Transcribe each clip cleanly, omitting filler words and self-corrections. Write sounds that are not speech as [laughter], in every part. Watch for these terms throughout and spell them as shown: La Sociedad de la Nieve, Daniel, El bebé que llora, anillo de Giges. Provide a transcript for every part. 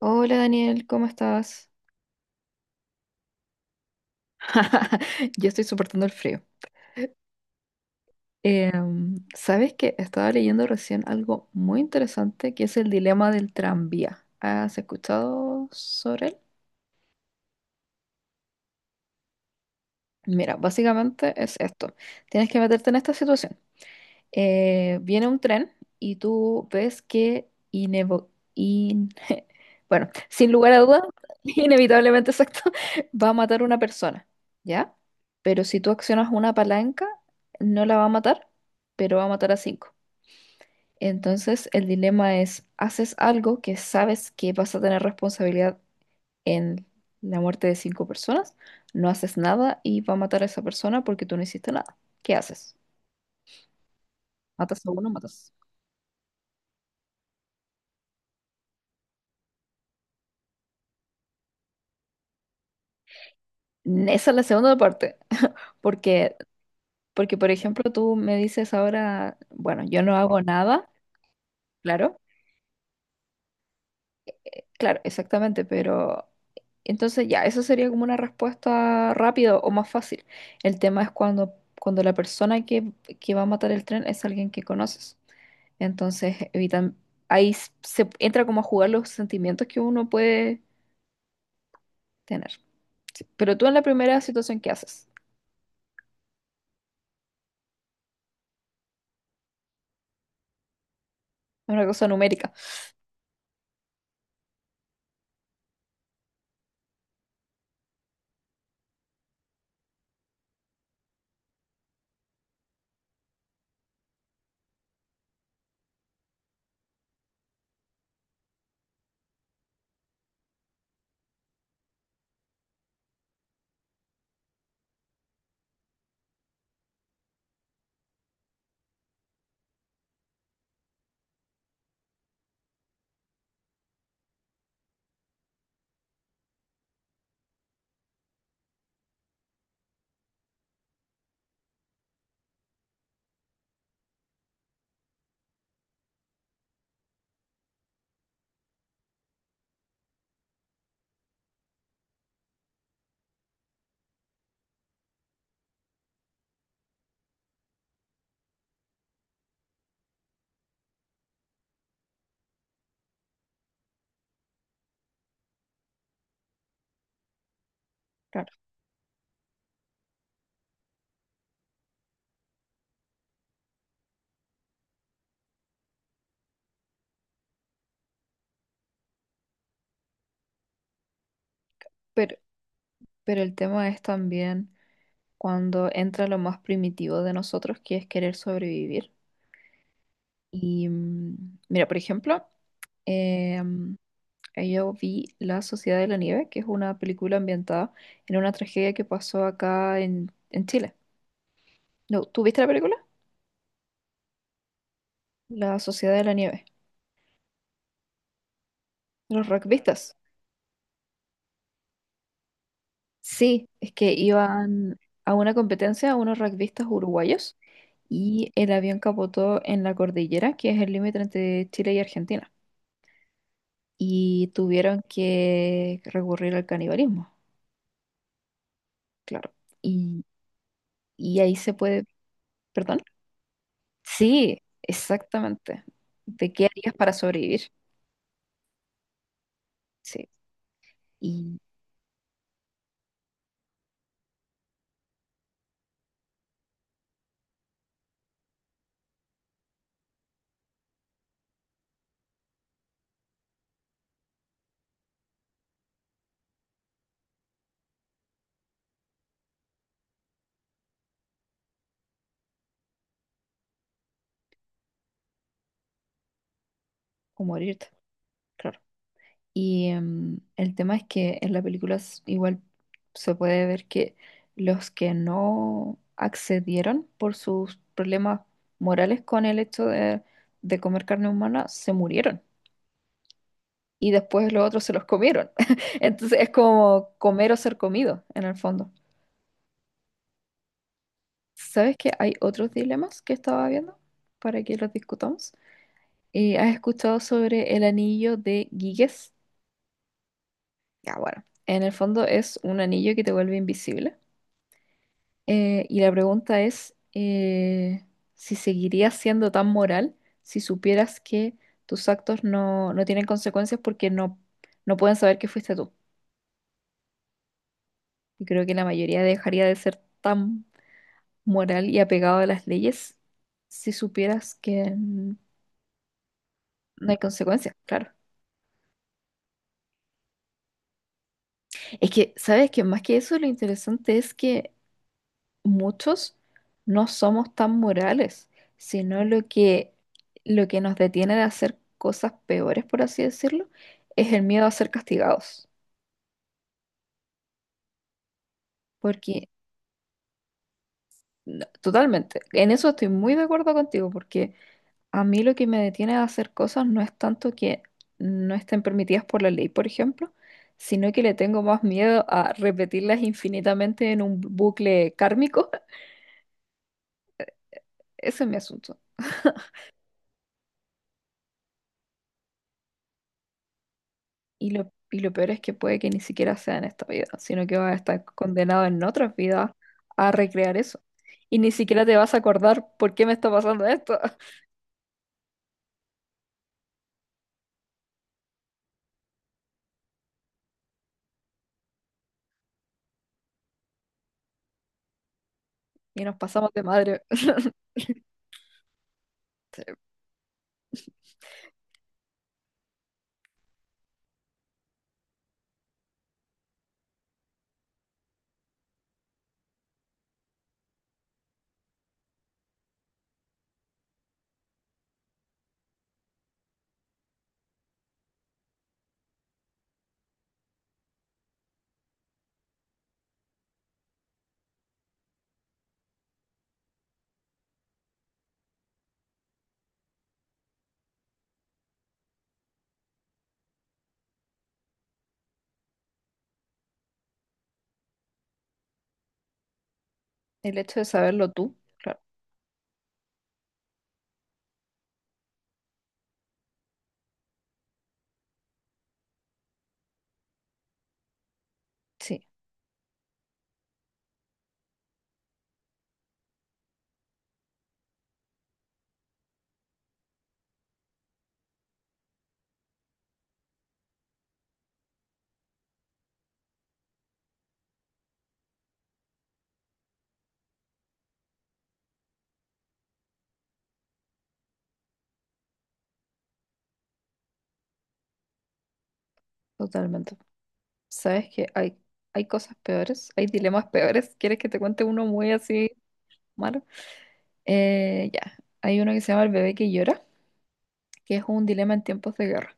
Hola Daniel, ¿cómo estás? [laughs] Yo estoy soportando el frío. ¿Sabes que Estaba leyendo recién algo muy interesante que es el dilema del tranvía? ¿Has escuchado sobre él? Mira, básicamente es esto. Tienes que meterte en esta situación. Viene un tren y tú ves que in- [laughs] bueno, sin lugar a dudas, [laughs] inevitablemente, exacto, va a matar una persona, ¿ya? Pero si tú accionas una palanca, no la va a matar, pero va a matar a cinco. Entonces el dilema es, ¿haces algo que sabes que vas a tener responsabilidad en la muerte de cinco personas? No haces nada y va a matar a esa persona porque tú no hiciste nada. ¿Qué haces? ¿Matas a uno, matas? Esa es la segunda parte, porque, porque por ejemplo tú me dices ahora, bueno, yo no hago nada, claro, claro, exactamente, pero entonces ya, eso sería como una respuesta rápida o más fácil. El tema es cuando, cuando la persona que va a matar el tren es alguien que conoces. Entonces evitan, ahí se entra como a jugar los sentimientos que uno puede tener. Pero tú en la primera situación, ¿qué haces? Es una cosa numérica, claro, pero, pero el tema es también... cuando entra lo más primitivo de nosotros, que es querer sobrevivir. Y mira, por ejemplo, eh, yo vi La Sociedad de la Nieve, que es una película ambientada en una tragedia que pasó acá en Chile. No, ¿tú viste la película? La Sociedad de la Nieve. Los rugbistas. Sí, es que iban a una competencia, unos rugbistas uruguayos, y el avión capotó en la cordillera, que es el límite entre Chile y Argentina, y tuvieron que recurrir al canibalismo, claro. Y, y ahí se puede, perdón. Sí, exactamente. ¿De qué harías para sobrevivir? Sí. Y o morirte, claro. Y el tema es que en la película igual se puede ver que los que no accedieron por sus problemas morales con el hecho de comer carne humana se murieron, y después los otros se los comieron. [laughs] Entonces es como comer o ser comido en el fondo. ¿Sabes que hay otros dilemas que estaba viendo para que los discutamos? ¿Has escuchado sobre el anillo de Giges? Ya, bueno, en el fondo es un anillo que te vuelve invisible. Y la pregunta es, si seguirías siendo tan moral si supieras que tus actos no tienen consecuencias porque no pueden saber que fuiste tú. Y creo que la mayoría dejaría de ser tan moral y apegado a las leyes si supieras que no hay consecuencias, claro. Es que, ¿sabes que Más que eso, lo interesante es que muchos no somos tan morales, sino lo que nos detiene de hacer cosas peores, por así decirlo, es el miedo a ser castigados. Porque, no, totalmente, en eso estoy muy de acuerdo contigo, porque a mí lo que me detiene de hacer cosas no es tanto que no estén permitidas por la ley, por ejemplo, sino que le tengo más miedo a repetirlas infinitamente en un bucle kármico. [laughs] Ese es mi asunto. [laughs] Y lo peor es que puede que ni siquiera sea en esta vida, sino que vas a estar condenado en otras vidas a recrear eso. Y ni siquiera te vas a acordar por qué me está pasando esto. [laughs] Y nos pasamos de madre. [laughs] El hecho de saberlo tú, claro, sí, totalmente. ¿Sabes que hay cosas peores? Hay dilemas peores. ¿Quieres que te cuente uno muy así malo? Ya, hay uno que se llama El bebé que llora, que es un dilema en tiempos de guerra.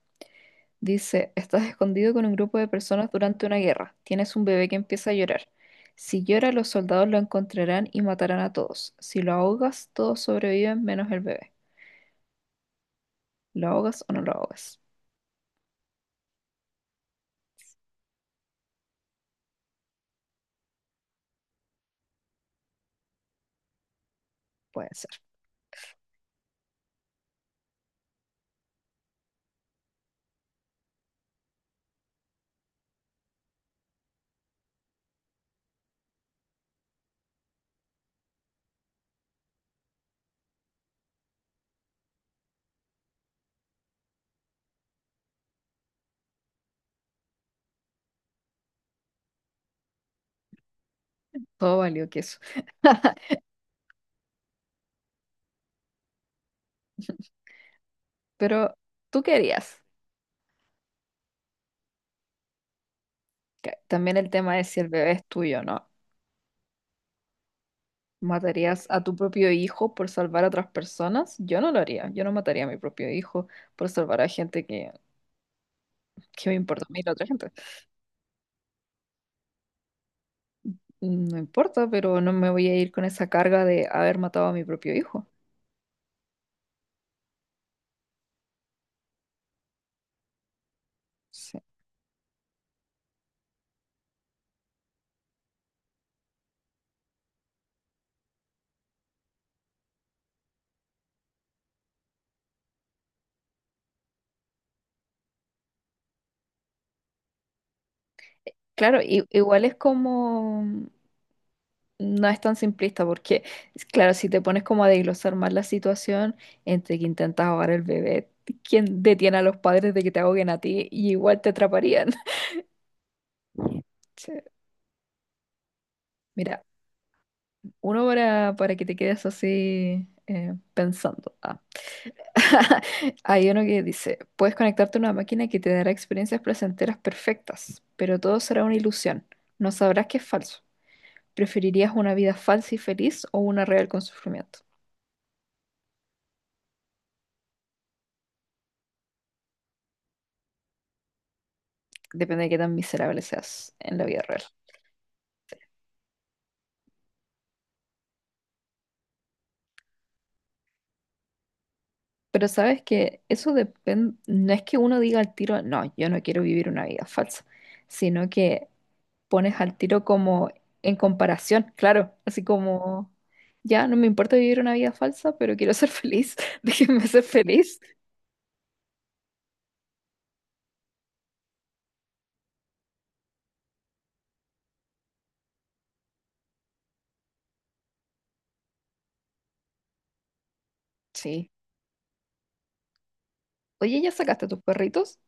Dice, estás escondido con un grupo de personas durante una guerra. Tienes un bebé que empieza a llorar. Si llora, los soldados lo encontrarán y matarán a todos. Si lo ahogas, todos sobreviven menos el bebé. ¿Lo ahogas o no lo ahogas? Puede ser. Todo valió que eso. Pero, ¿tú qué harías? Que También el tema es si el bebé es tuyo o no. ¿Matarías a tu propio hijo por salvar a otras personas? Yo no lo haría. Yo no mataría a mi propio hijo por salvar a gente que me importa a mí la otra gente. No importa, pero no me voy a ir con esa carga de haber matado a mi propio hijo. Sí. Claro, igual es como... No es tan simplista porque, es claro, si te pones como a desglosar más la situación entre que intentas ahogar el bebé, ¿quién detiene a los padres de que te ahoguen a ti? Y igual te atraparían. [laughs] Sí. Mira, uno para que te quedes así, pensando. Ah. [laughs] Hay uno que dice, puedes conectarte a una máquina que te dará experiencias placenteras perfectas, pero todo será una ilusión. No sabrás que es falso. ¿Preferirías una vida falsa y feliz o una real con sufrimiento? Depende de qué tan miserable seas en la vida real. Pero sabes que eso depende, no es que uno diga al tiro, no, yo no quiero vivir una vida falsa, sino que pones al tiro como en comparación, claro, así como, ya no me importa vivir una vida falsa, pero quiero ser feliz, [laughs] déjenme ser feliz. Sí. Oye, ya sacaste a tus perritos,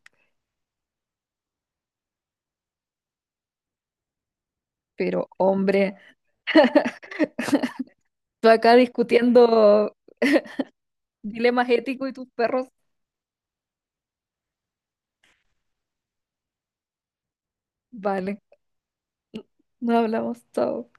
pero hombre, [laughs] tú acá discutiendo dilemas éticos y tus perros, vale, no hablamos, chao.